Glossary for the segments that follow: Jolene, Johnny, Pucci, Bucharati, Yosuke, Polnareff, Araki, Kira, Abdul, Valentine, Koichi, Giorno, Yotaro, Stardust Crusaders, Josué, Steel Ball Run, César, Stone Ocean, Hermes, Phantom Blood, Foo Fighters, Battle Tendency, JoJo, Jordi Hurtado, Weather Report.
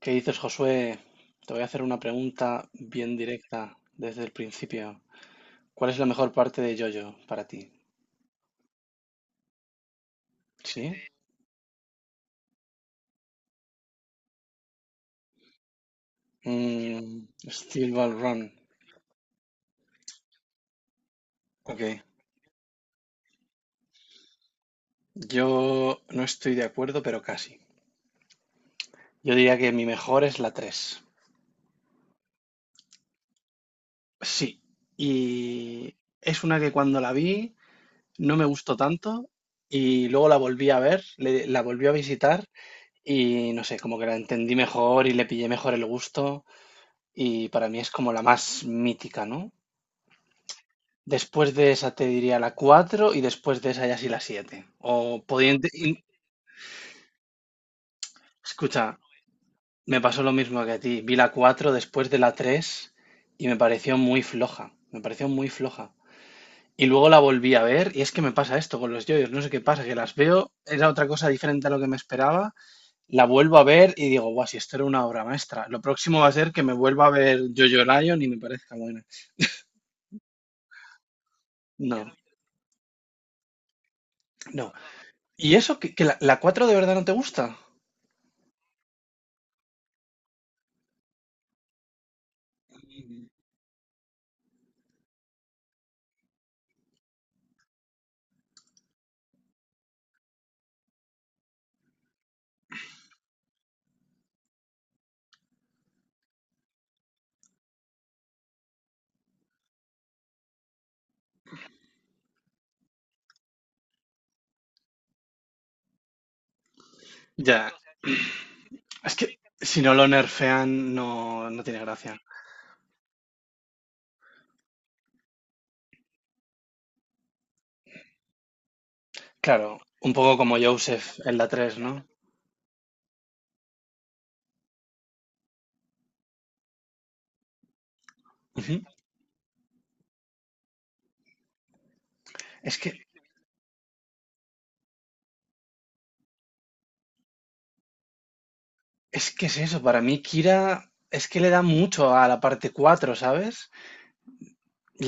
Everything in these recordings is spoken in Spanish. ¿Qué dices, Josué? Te voy a hacer una pregunta bien directa desde el principio. ¿Cuál es la mejor parte de JoJo para ti? ¿Sí? Mm, Steel Ball Run. Ok. Yo no estoy de acuerdo, pero casi. Yo diría que mi mejor es la 3. Sí. Y es una que cuando la vi no me gustó tanto y luego la volví a ver, la volví a visitar y no sé, como que la entendí mejor y le pillé mejor el gusto. Y para mí es como la más mítica, ¿no? Después de esa te diría la 4 y después de esa ya sí la 7. O podiendo. Escucha, me pasó lo mismo que a ti. Vi la 4 después de la 3 y me pareció muy floja. Me pareció muy floja. Y luego la volví a ver y es que me pasa esto con los yoyos. No sé qué pasa, que las veo, era otra cosa diferente a lo que me esperaba. La vuelvo a ver y digo, guau, si esto era una obra maestra. Lo próximo va a ser que me vuelva a ver Jojo Lion y me parezca buena. No, no, ¿y eso? ¿Que la 4 de verdad no te gusta? Ya, es que si no lo nerfean no tiene gracia. Claro, un poco como Joseph en la 3, ¿no? Ujú. Es que, es que es eso, para mí Kira es que le da mucho a la parte 4, ¿sabes?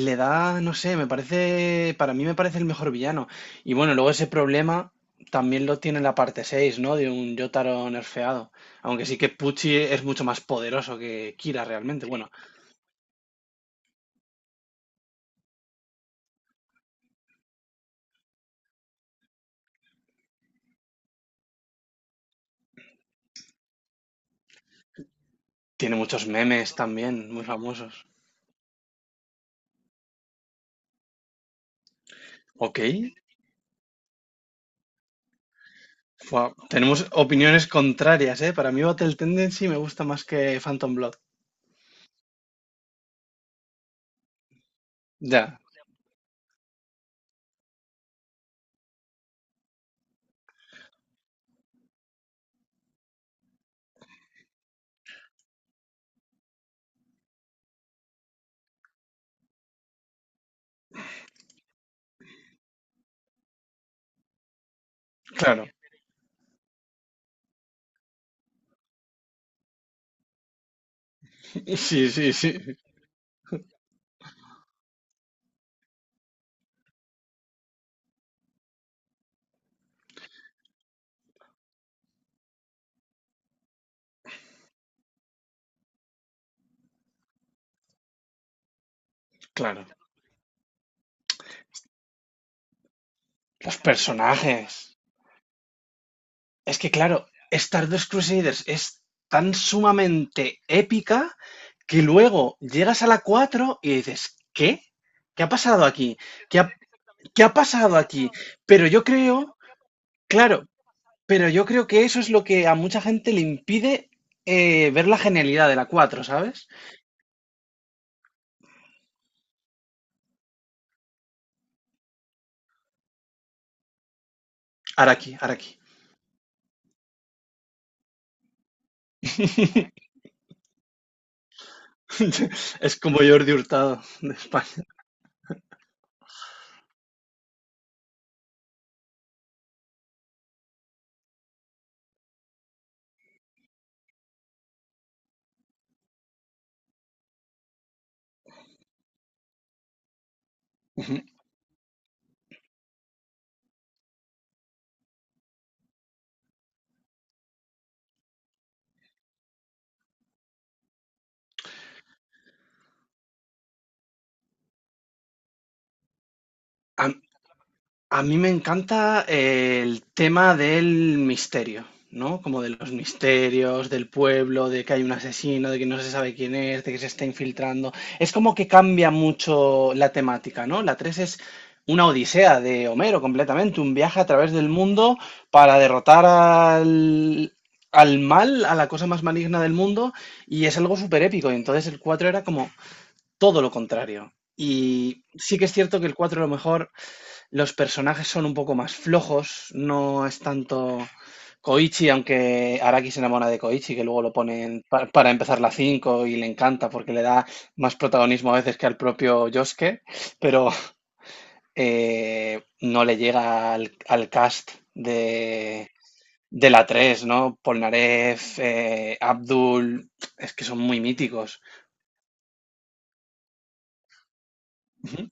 Le da, no sé, me parece, para mí me parece el mejor villano. Y bueno, luego ese problema también lo tiene la parte 6, ¿no? De un Yotaro nerfeado. Aunque sí que Pucci es mucho más poderoso que Kira realmente. Bueno, tiene muchos memes también, muy famosos. Ok. Fua, tenemos opiniones contrarias, ¿eh? Para mí Battle Tendency me gusta más que Phantom Blood. Ya, claro. Sí, sí, sí. Claro. Los personajes. Es que, claro, Stardust Crusaders es tan sumamente épica que luego llegas a la 4 y dices, ¿qué? ¿Qué ha pasado aquí? ¿Qué ha, qué ha pasado aquí? Pero yo creo, claro, pero yo creo que eso es lo que a mucha gente le impide ver la genialidad de la cuatro, ¿sabes? Araki, Araki. Es como Jordi Hurtado de España. Ujú. A, A mí me encanta el tema del misterio, ¿no? Como de los misterios, del pueblo, de que hay un asesino, de que no se sabe quién es, de que se está infiltrando. Es como que cambia mucho la temática, ¿no? La 3 es una odisea de Homero completamente, un viaje a través del mundo para derrotar al mal, a la cosa más maligna del mundo, y es algo súper épico. Y entonces el 4 era como todo lo contrario. Y sí que es cierto que el 4 a lo mejor los personajes son un poco más flojos, no es tanto Koichi, aunque Araki se enamora de Koichi, que luego lo ponen para empezar la 5 y le encanta porque le da más protagonismo a veces que al propio Yosuke, pero no le llega al cast de la tres, ¿no? Polnareff, Abdul, es que son muy míticos. Ujú,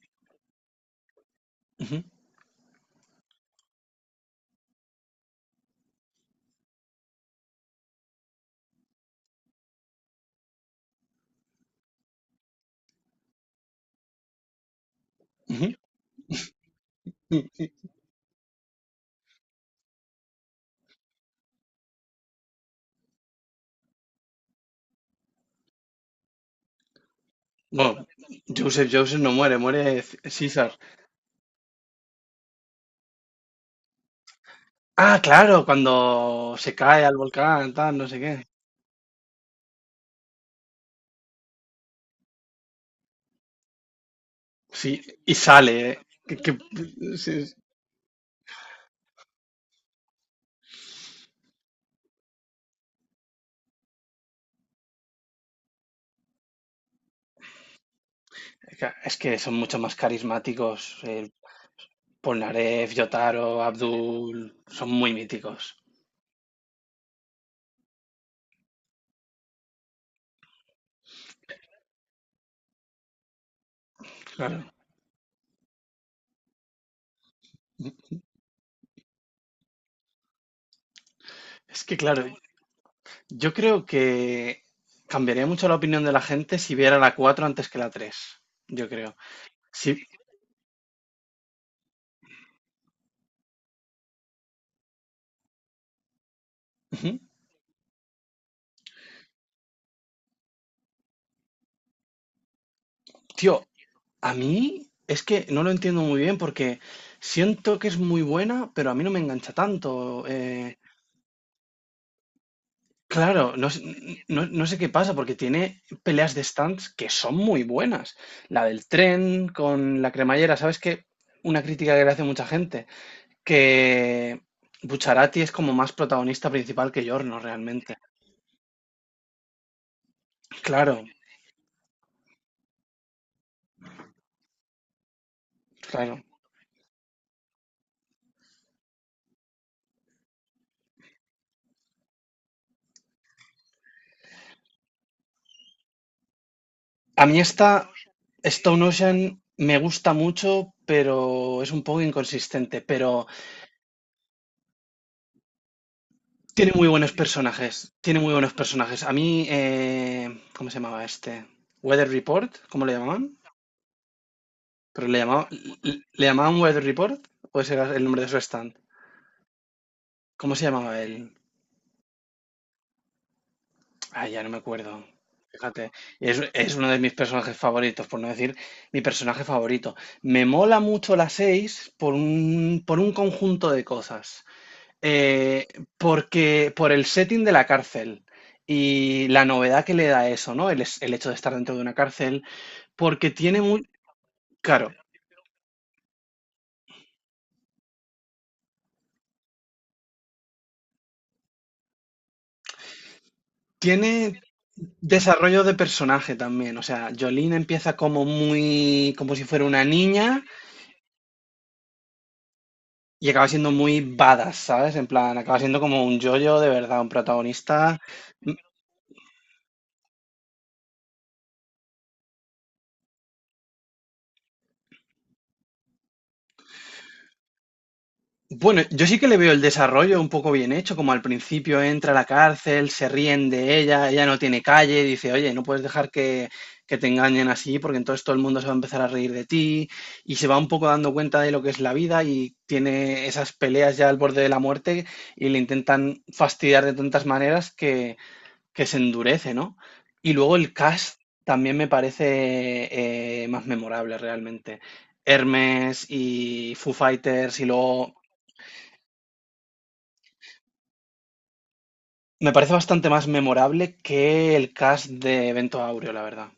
ujú, ujú. Bueno, Joseph no muere, muere César. Ah, claro, cuando se cae al volcán, tal, no sé qué. Sí, y sale. Que, que- sí, es que son mucho más carismáticos. Polnareff, Yotaro, Abdul, son muy míticos. Claro. Es que, claro, yo creo que cambiaría mucho la opinión de la gente si viera la 4 antes que la 3. Yo creo. Sí. Ujú. Tío, a mí es que no lo entiendo muy bien porque siento que es muy buena, pero a mí no me engancha tanto. Claro, no, no, no sé qué pasa, porque tiene peleas de stands que son muy buenas. La del tren con la cremallera, ¿sabes qué? Una crítica que le hace mucha gente, que Bucharati es como más protagonista principal que Giorno realmente. Claro, claro. A mí esta Stone Ocean me gusta mucho, pero es un poco inconsistente, pero tiene muy buenos personajes, tiene muy buenos personajes. A mí, ¿cómo se llamaba este? Weather Report, ¿cómo le llamaban? Pero le llamaban Weather Report o ese era el nombre de su stand. ¿Cómo se llamaba él? Ah, ya no me acuerdo. Fíjate, es uno de mis personajes favoritos, por no decir mi personaje favorito. Me mola mucho la 6 por un conjunto de cosas. Eh, porque por el setting de la cárcel y la novedad que le da eso, ¿no? El hecho de estar dentro de una cárcel, porque tiene muy, claro, tiene desarrollo de personaje también. O sea, Jolene empieza como muy, como si fuera una niña y acaba siendo muy badass, ¿sabes? En plan, acaba siendo como un yoyo de verdad, un protagonista. Bueno, yo sí que le veo el desarrollo un poco bien hecho, como al principio entra a la cárcel, se ríen de ella, ella no tiene calle, dice, oye, no puedes dejar que te engañen así, porque entonces todo el mundo se va a empezar a reír de ti, y se va un poco dando cuenta de lo que es la vida y tiene esas peleas ya al borde de la muerte y le intentan fastidiar de tantas maneras que se endurece, ¿no? Y luego el cast también me parece más memorable realmente. Hermes y Foo Fighters y luego me parece bastante más memorable que el cast de Evento Aureo, la verdad.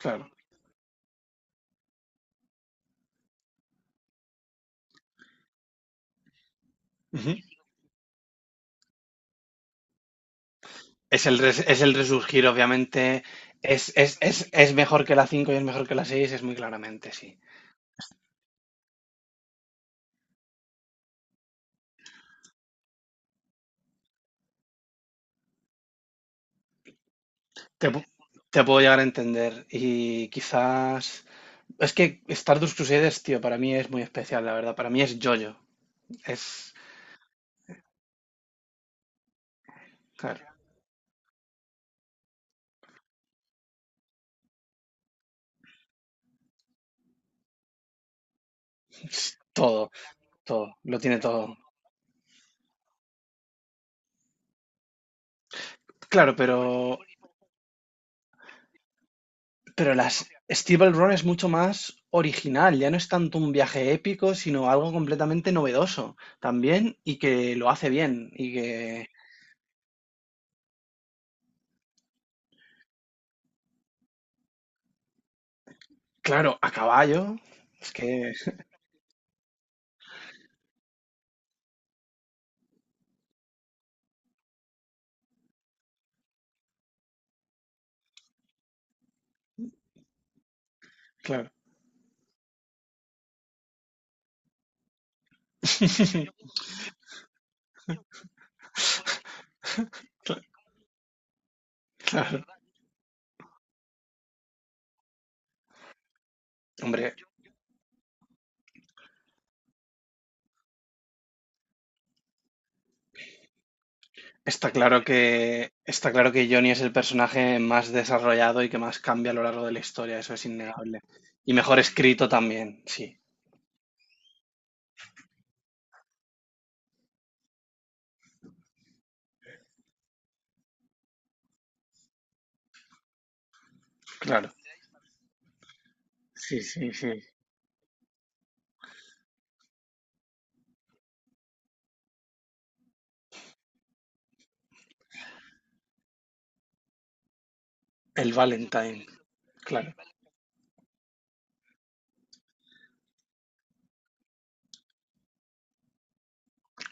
Claro. Ujú. Es el resurgir, obviamente. Es mejor que la 5 y es mejor que la 6 es muy claramente, sí. Te, pu- te puedo llegar a entender. Y quizás. Es que Stardust Crusaders, tío, para mí es muy especial, la verdad. Para mí es JoJo. Es. Claro, todo, todo. Lo tiene todo. Claro, pero las Steeple Run es mucho más original, ya no es tanto un viaje épico, sino algo completamente novedoso también y que lo hace bien y que, claro, a caballo, es que, claro, cla- claro, hombre, está claro que Johnny es el personaje más desarrollado y que más cambia a lo largo de la historia, eso es innegable. Y mejor escrito también, sí, claro. Sí, sí, sí. El Valentine, claro.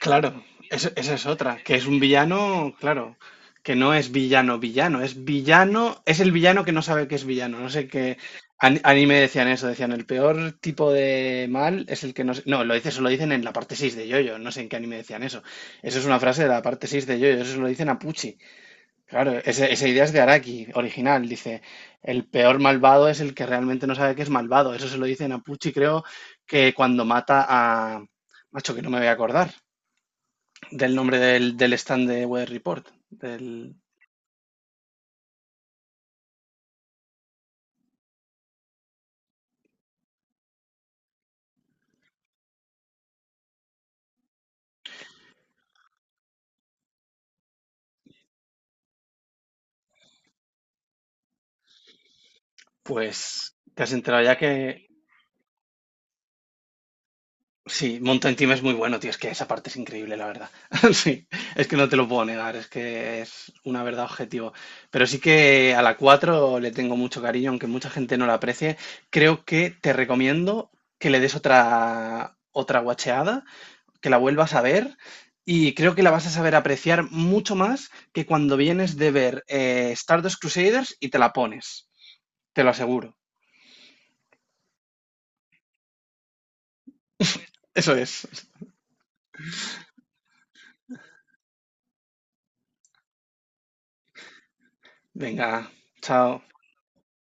Claro, esa es otra, que es un villano, claro, que no es villano villano, es el villano que no sabe que es villano, no sé qué anime decían eso, decían el peor tipo de mal es el que no, no, lo dice, eso lo dicen en la parte 6 de Yoyo, no sé en qué anime decían eso. Eso es una frase de la parte 6 de Yoyo, eso lo dicen a Pucci. Claro, esa idea es de Araki, original, dice, el peor malvado es el que realmente no sabe que es malvado, eso se lo dicen a Pucci, creo que cuando mata a Macho, que no me voy a acordar del nombre del stand de Weather Report. Pues te has enterado ya que sí, Mountain Team es muy bueno, tío. Es que esa parte es increíble, la verdad. Sí, es que no te lo puedo negar, es que es una verdad objetiva. Pero sí que a la 4 le tengo mucho cariño, aunque mucha gente no la aprecie. Creo que te recomiendo que le des otra, otra guacheada, que la vuelvas a ver. Y creo que la vas a saber apreciar mucho más que cuando vienes de ver Stardust Crusaders y te la pones. Te lo aseguro. Eso es. Venga, chao.